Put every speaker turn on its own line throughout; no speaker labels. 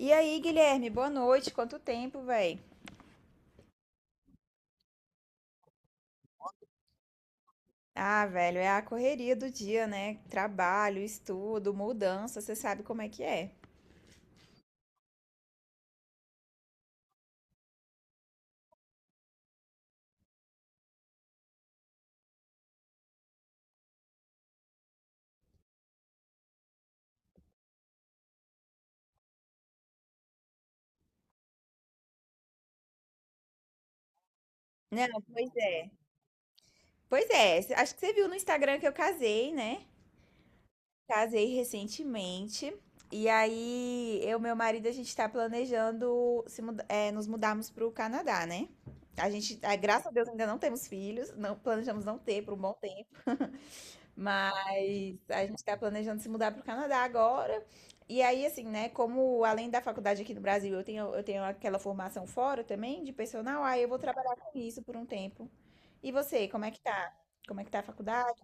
E aí, Guilherme, boa noite. Quanto tempo, velho? Ah, velho, é a correria do dia, né? Trabalho, estudo, mudança, você sabe como é que é. Não, pois é. Pois é, acho que você viu no Instagram que eu casei, né? Casei recentemente. E aí, eu e meu marido, a gente tá planejando se muda- é, nos mudarmos pro Canadá, né? A gente, ah, graças a Deus, ainda não temos filhos, não planejamos não ter por um bom tempo. Mas a gente está planejando se mudar para o Canadá agora. E aí, assim, né? Como além da faculdade aqui no Brasil, eu tenho aquela formação fora também de personal, aí eu vou trabalhar com isso por um tempo. E você, como é que tá? Como é que tá a faculdade?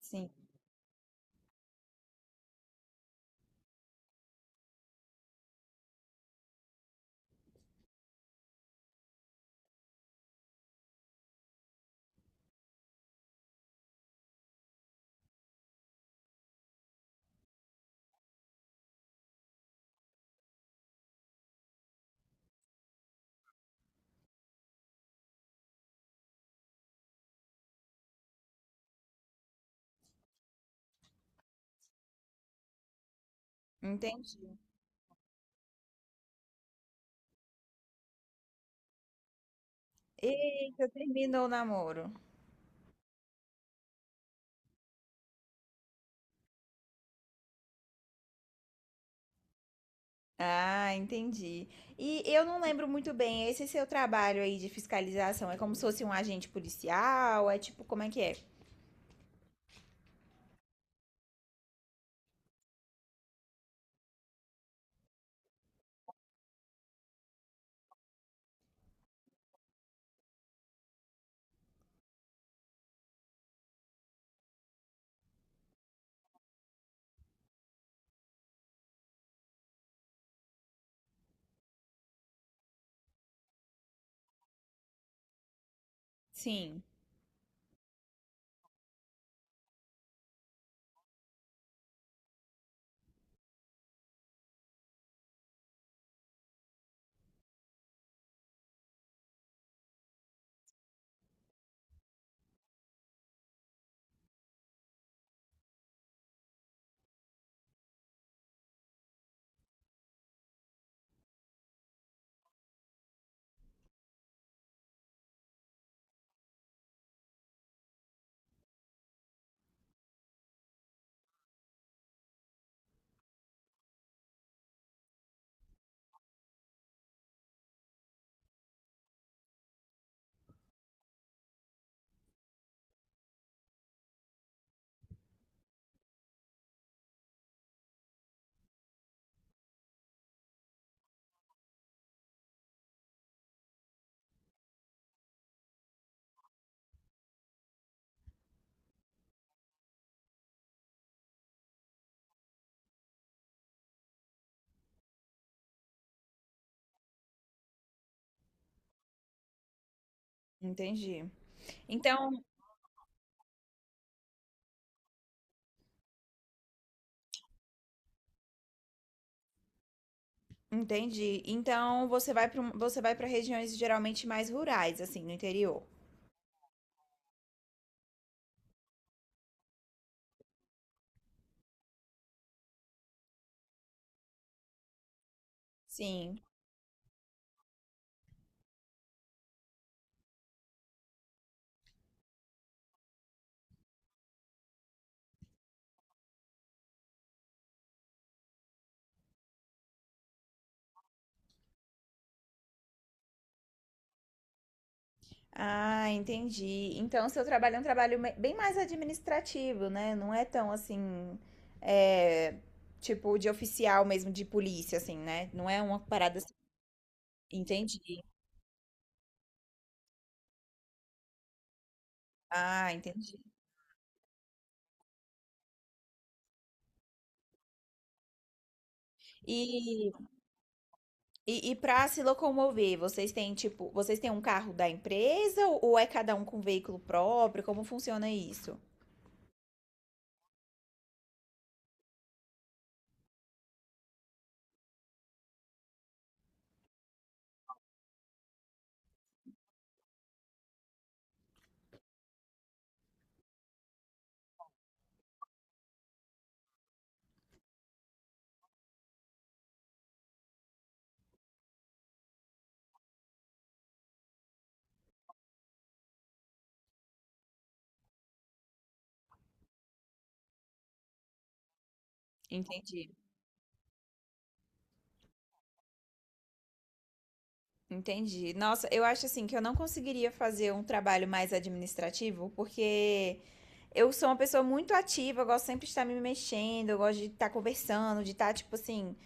Sim, entendi. Eita, terminou o namoro. Ah, entendi. E eu não lembro muito bem, esse seu trabalho aí de fiscalização é como se fosse um agente policial? É tipo, como é que é? Sim, entendi. Então, entendi. Então você vai para regiões geralmente mais rurais, assim, no interior. Sim. Ah, entendi. Então seu trabalho é um trabalho bem mais administrativo, né? Não é tão assim, é, tipo de oficial mesmo de polícia, assim, né? Não é uma parada assim. Entendi. Ah, entendi. E, e para se locomover, vocês têm tipo, vocês têm um carro da empresa ou é cada um com veículo próprio? Como funciona isso? Entendi. Entendi. Nossa, eu acho assim que eu não conseguiria fazer um trabalho mais administrativo, porque eu sou uma pessoa muito ativa, eu gosto sempre de estar me mexendo, eu gosto de estar conversando, de estar, tipo assim,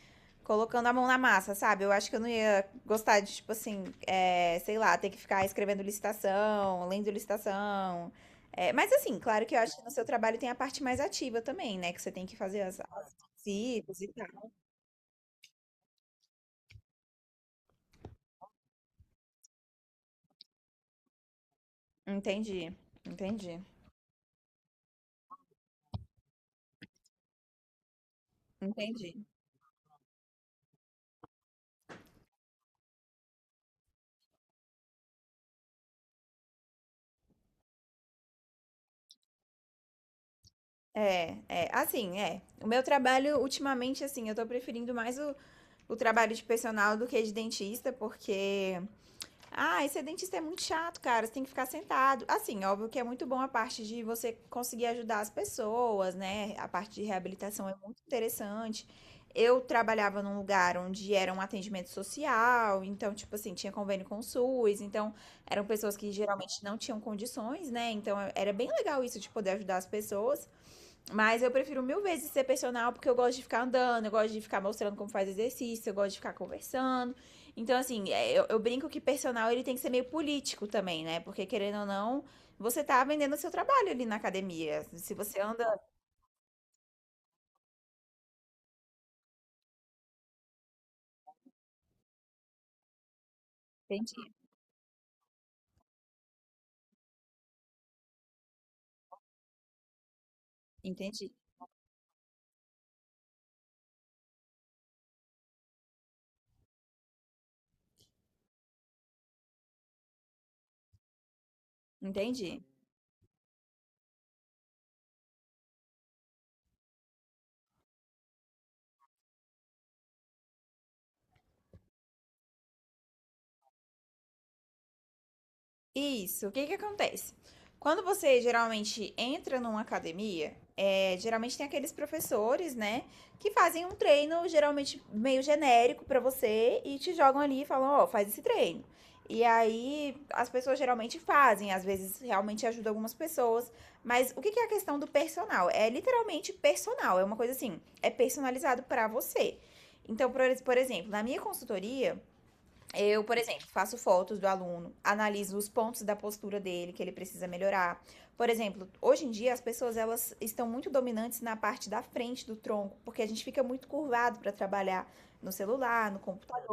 colocando a mão na massa, sabe? Eu acho que eu não ia gostar de, tipo assim, é, sei lá, ter que ficar escrevendo licitação, lendo licitação. É, mas assim, claro que eu acho que no seu trabalho tem a parte mais ativa também, né? Que você tem que fazer as visitas e tal. Entendi, entendi, entendi. Assim, é. O meu trabalho, ultimamente, assim, eu tô preferindo mais o trabalho de personal do que de dentista, porque. Ah, esse dentista é muito chato, cara. Você tem que ficar sentado. Assim, óbvio que é muito bom a parte de você conseguir ajudar as pessoas, né? A parte de reabilitação é muito interessante. Eu trabalhava num lugar onde era um atendimento social, então, tipo assim, tinha convênio com o SUS, então eram pessoas que geralmente não tinham condições, né? Então era bem legal isso de poder ajudar as pessoas. Mas eu prefiro mil vezes ser personal porque eu gosto de ficar andando, eu gosto de ficar mostrando como faz exercício, eu gosto de ficar conversando. Então, assim, é, eu brinco que personal ele tem que ser meio político também, né? Porque querendo ou não, você tá vendendo o seu trabalho ali na academia. Se você anda. Entendi, entendi, entendi. Isso. O que que acontece? Quando você geralmente entra numa academia, é, geralmente tem aqueles professores, né, que fazem um treino geralmente meio genérico pra você e te jogam ali e falam, ó, faz esse treino. E aí as pessoas geralmente fazem, às vezes realmente ajuda algumas pessoas, mas o que que é a questão do personal? É literalmente personal, é uma coisa assim, é personalizado pra você. Então, por exemplo, na minha consultoria, eu, por exemplo, faço fotos do aluno, analiso os pontos da postura dele que ele precisa melhorar. Por exemplo, hoje em dia as pessoas elas estão muito dominantes na parte da frente do tronco, porque a gente fica muito curvado para trabalhar no celular, no computador.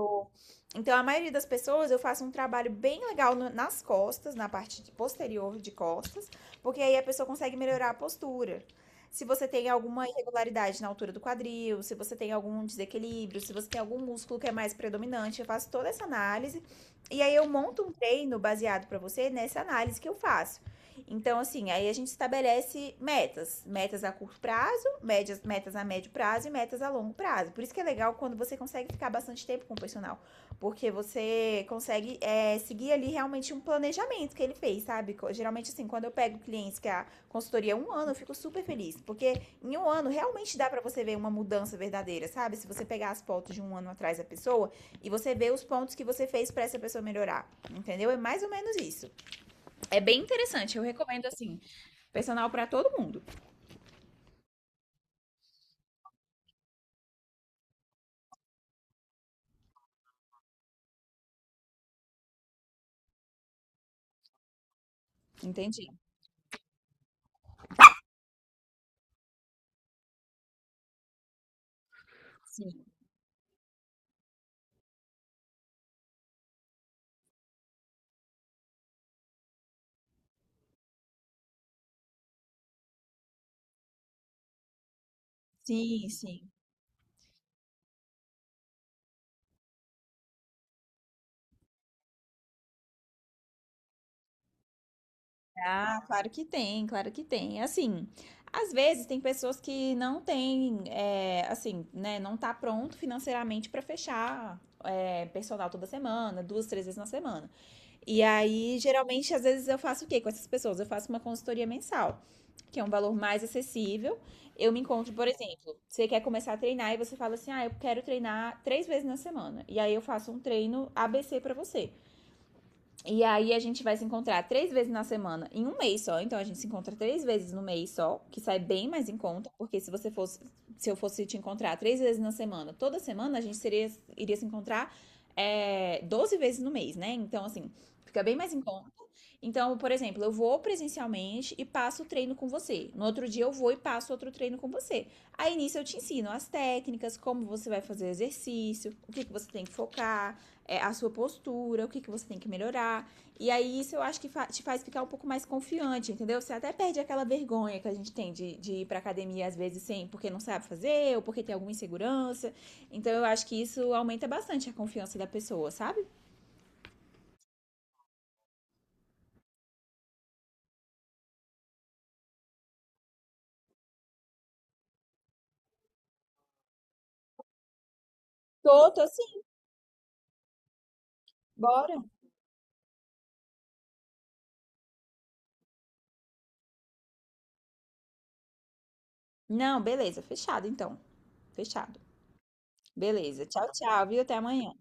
Então, a maioria das pessoas, eu faço um trabalho bem legal nas costas, na parte posterior de costas, porque aí a pessoa consegue melhorar a postura. Se você tem alguma irregularidade na altura do quadril, se você tem algum desequilíbrio, se você tem algum músculo que é mais predominante, eu faço toda essa análise e aí eu monto um treino baseado para você nessa análise que eu faço. Então, assim, aí a gente estabelece metas, metas a curto prazo, médias, metas a médio prazo e metas a longo prazo. Por isso que é legal quando você consegue ficar bastante tempo com o personal. Porque você consegue é, seguir ali realmente um planejamento que ele fez, sabe? Geralmente, assim, quando eu pego clientes que a consultoria é um ano, eu fico super feliz. Porque em um ano realmente dá pra você ver uma mudança verdadeira, sabe? Se você pegar as fotos de um ano atrás da pessoa e você ver os pontos que você fez pra essa pessoa melhorar. Entendeu? É mais ou menos isso. É bem interessante. Eu recomendo, assim, personal pra todo mundo. Entendi. Sim. Sim, sim. Ah, claro que tem, claro que tem. Assim, às vezes tem pessoas que não têm, é, assim, né, não tá pronto financeiramente para fechar é, personal toda semana, duas, três vezes na semana. E aí, geralmente, às vezes eu faço o quê com essas pessoas? Eu faço uma consultoria mensal, que é um valor mais acessível. Eu me encontro, por exemplo, você quer começar a treinar e você fala assim, ah, eu quero treinar três vezes na semana. E aí eu faço um treino ABC para você. E aí a gente vai se encontrar três vezes na semana, em um mês só. Então a gente se encontra três vezes no mês só, que sai bem mais em conta, porque se eu fosse te encontrar três vezes na semana, toda semana iria se encontrar é, 12 vezes no mês, né? Então assim, fica bem mais em conta. Então, por exemplo, eu vou presencialmente e passo o treino com você. No outro dia eu vou e passo outro treino com você. Aí nisso eu te ensino as técnicas, como você vai fazer o exercício, que você tem que focar, é, a sua postura, que você tem que melhorar. E aí isso eu acho que te faz ficar um pouco mais confiante, entendeu? Você até perde aquela vergonha que a gente tem de ir pra academia às vezes sem, porque não sabe fazer ou porque tem alguma insegurança. Então eu acho que isso aumenta bastante a confiança da pessoa, sabe? Tô, tô sim, bora. Não, beleza, fechado então. Fechado. Beleza, tchau, tchau, viu? Até amanhã.